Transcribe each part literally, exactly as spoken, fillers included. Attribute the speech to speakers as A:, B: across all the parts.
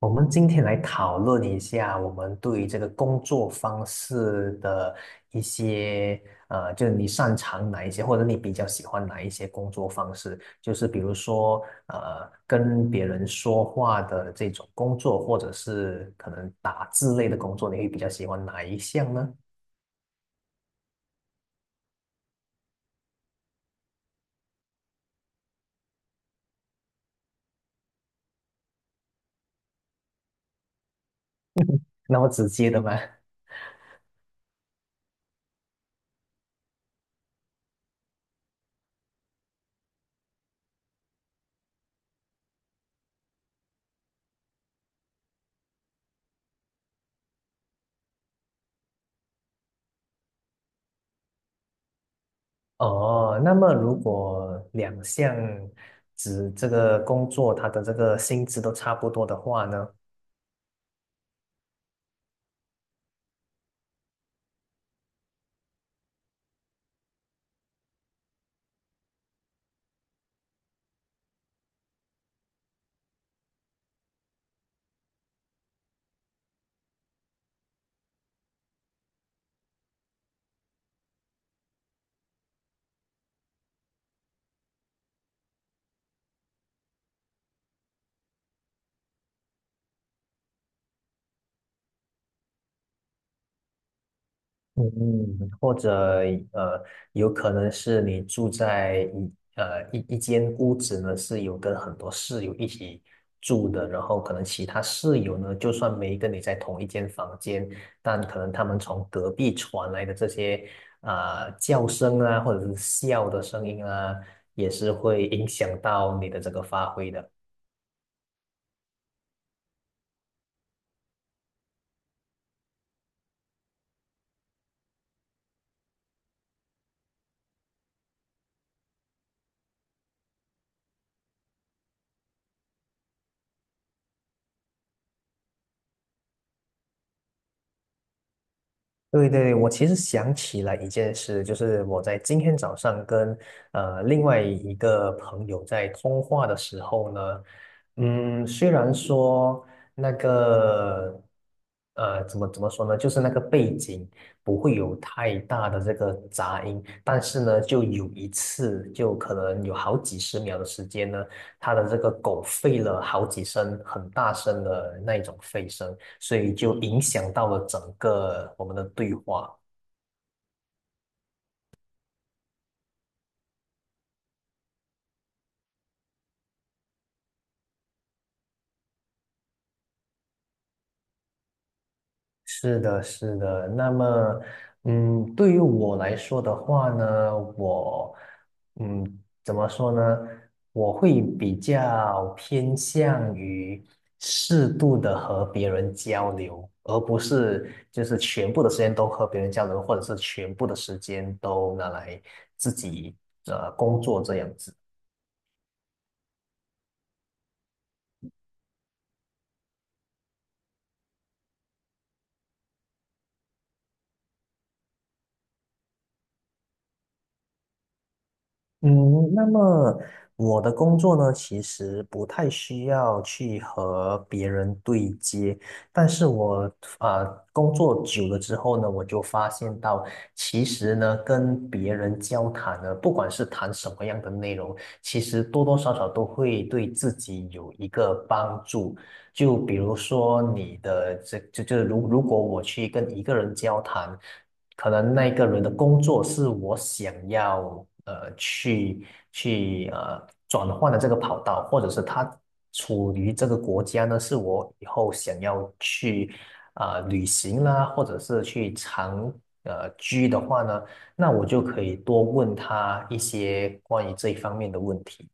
A: 我们今天来讨论一下我们对于这个工作方式的一些，呃，就是你擅长哪一些，或者你比较喜欢哪一些工作方式，就是比如说，呃，跟别人说话的这种工作，或者是可能打字类的工作，你会比较喜欢哪一项呢？那么直接的吗？哦，那么如果两项指这个工作，它的这个薪资都差不多的话呢？嗯，或者呃，有可能是你住在一呃一一间屋子呢，是有跟很多室友一起住的，然后可能其他室友呢，就算没跟你在同一间房间，但可能他们从隔壁传来的这些啊、叫声啊，或者是笑的声音啊，也是会影响到你的这个发挥的。对对对，我其实想起了一件事，就是我在今天早上跟呃另外一个朋友在通话的时候呢，嗯，虽然说那个呃怎么怎么说呢，就是那个背景不会有太大的这个杂音，但是呢，就有一次，就可能有好几十秒的时间呢，他的这个狗吠了好几声，很大声的那一种吠声。所以就影响到了整个我们的对话。是的，是的。那么，嗯，对于我来说的话呢，我，嗯，怎么说呢？我会比较偏向于适度的和别人交流，而不是就是全部的时间都和别人交流，或者是全部的时间都拿来自己呃工作这样子。嗯，那么我的工作呢，其实不太需要去和别人对接，但是我啊工作久了之后呢，我就发现到，其实呢跟别人交谈呢，不管是谈什么样的内容，其实多多少少都会对自己有一个帮助。就比如说你的这就就是如如果我去跟一个人交谈，可能那个人的工作是我想要呃去去呃转换的这个跑道，或者是他处于这个国家呢，是我以后想要去啊、呃旅行啦，或者是去长呃居的话呢，那我就可以多问他一些关于这一方面的问题。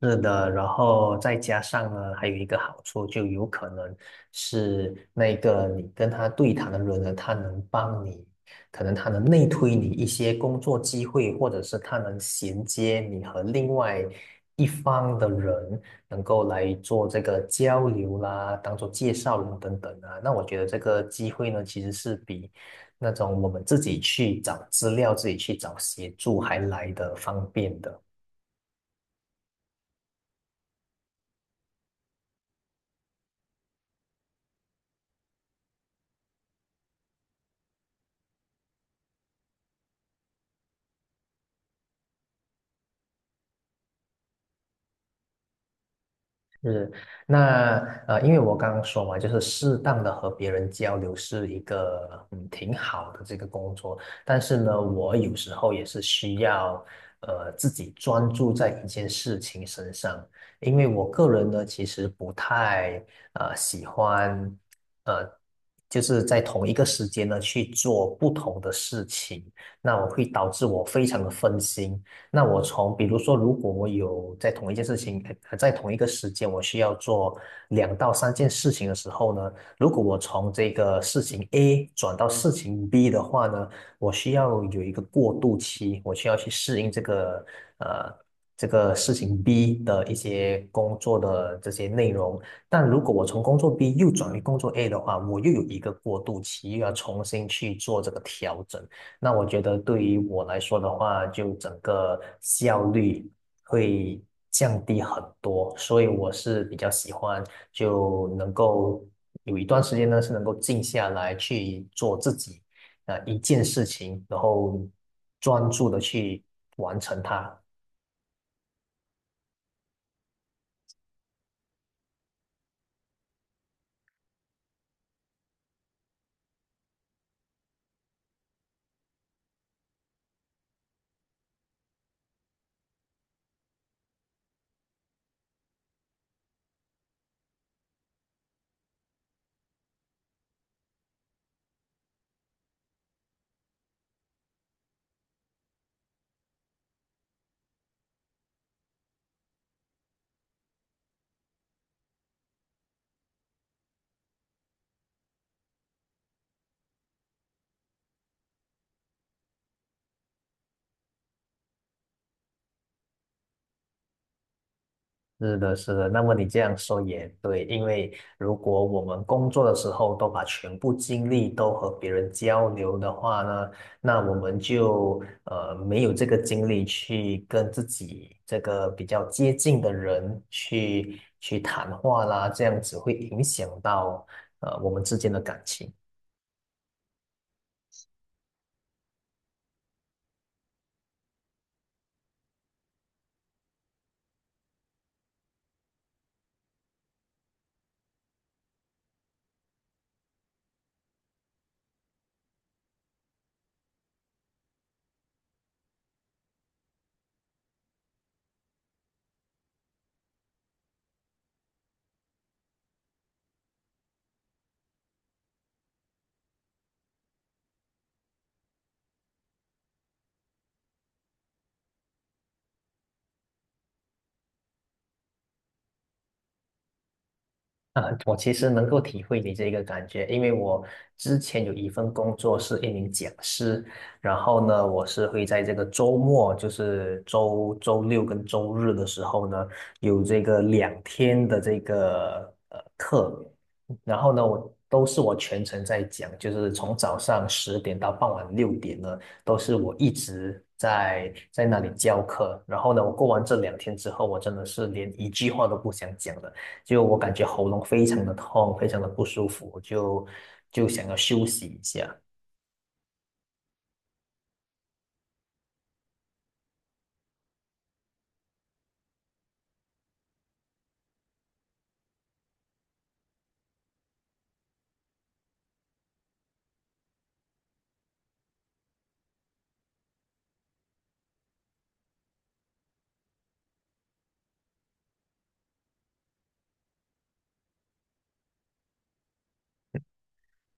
A: 是的，然后再加上呢，还有一个好处，就有可能是那个你跟他对谈的人呢，他能帮你，可能他能内推你一些工作机会，或者是他能衔接你和另外一方的人，能够来做这个交流啦，当做介绍人等等啊。那我觉得这个机会呢，其实是比那种我们自己去找资料、自己去找协助还来的方便的。是，那呃，因为我刚刚说嘛，就是适当的和别人交流是一个嗯挺好的这个工作，但是呢，我有时候也是需要呃自己专注在一件事情身上，因为我个人呢其实不太呃喜欢呃就是在同一个时间呢去做不同的事情，那我会导致我非常的分心。那我从比如说，如果我有在同一件事情，呃，在同一个时间，我需要做两到三件事情的时候呢，如果我从这个事情 A 转到事情 B 的话呢，我需要有一个过渡期，我需要去适应这个呃这个事情 B 的一些工作的这些内容。但如果我从工作 B 又转为工作 A 的话，我又有一个过渡期，又要重新去做这个调整。那我觉得对于我来说的话，就整个效率会降低很多，所以我是比较喜欢就能够有一段时间呢是能够静下来去做自己啊、呃一件事情，然后专注的去完成它。是的，是的。那么你这样说也对，因为如果我们工作的时候都把全部精力都和别人交流的话呢，那我们就呃没有这个精力去跟自己这个比较接近的人去去谈话啦，这样子会影响到呃我们之间的感情。啊，我其实能够体会你这个感觉，因为我之前有一份工作是一名讲师，然后呢，我是会在这个周末，就是周周六跟周日的时候呢，有这个两天的这个呃课，然后呢，我都是我全程在讲，就是从早上十点到傍晚六点呢，都是我一直在在那里教课，然后呢，我过完这两天之后，我真的是连一句话都不想讲了。就我感觉喉咙非常的痛，非常的不舒服，就就想要休息一下。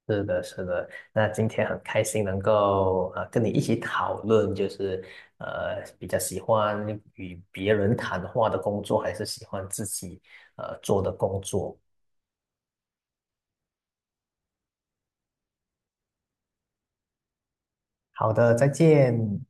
A: 是的，是的。那今天很开心能够呃跟你一起讨论，就是呃比较喜欢与别人谈话的工作，还是喜欢自己呃做的工作。好的，再见。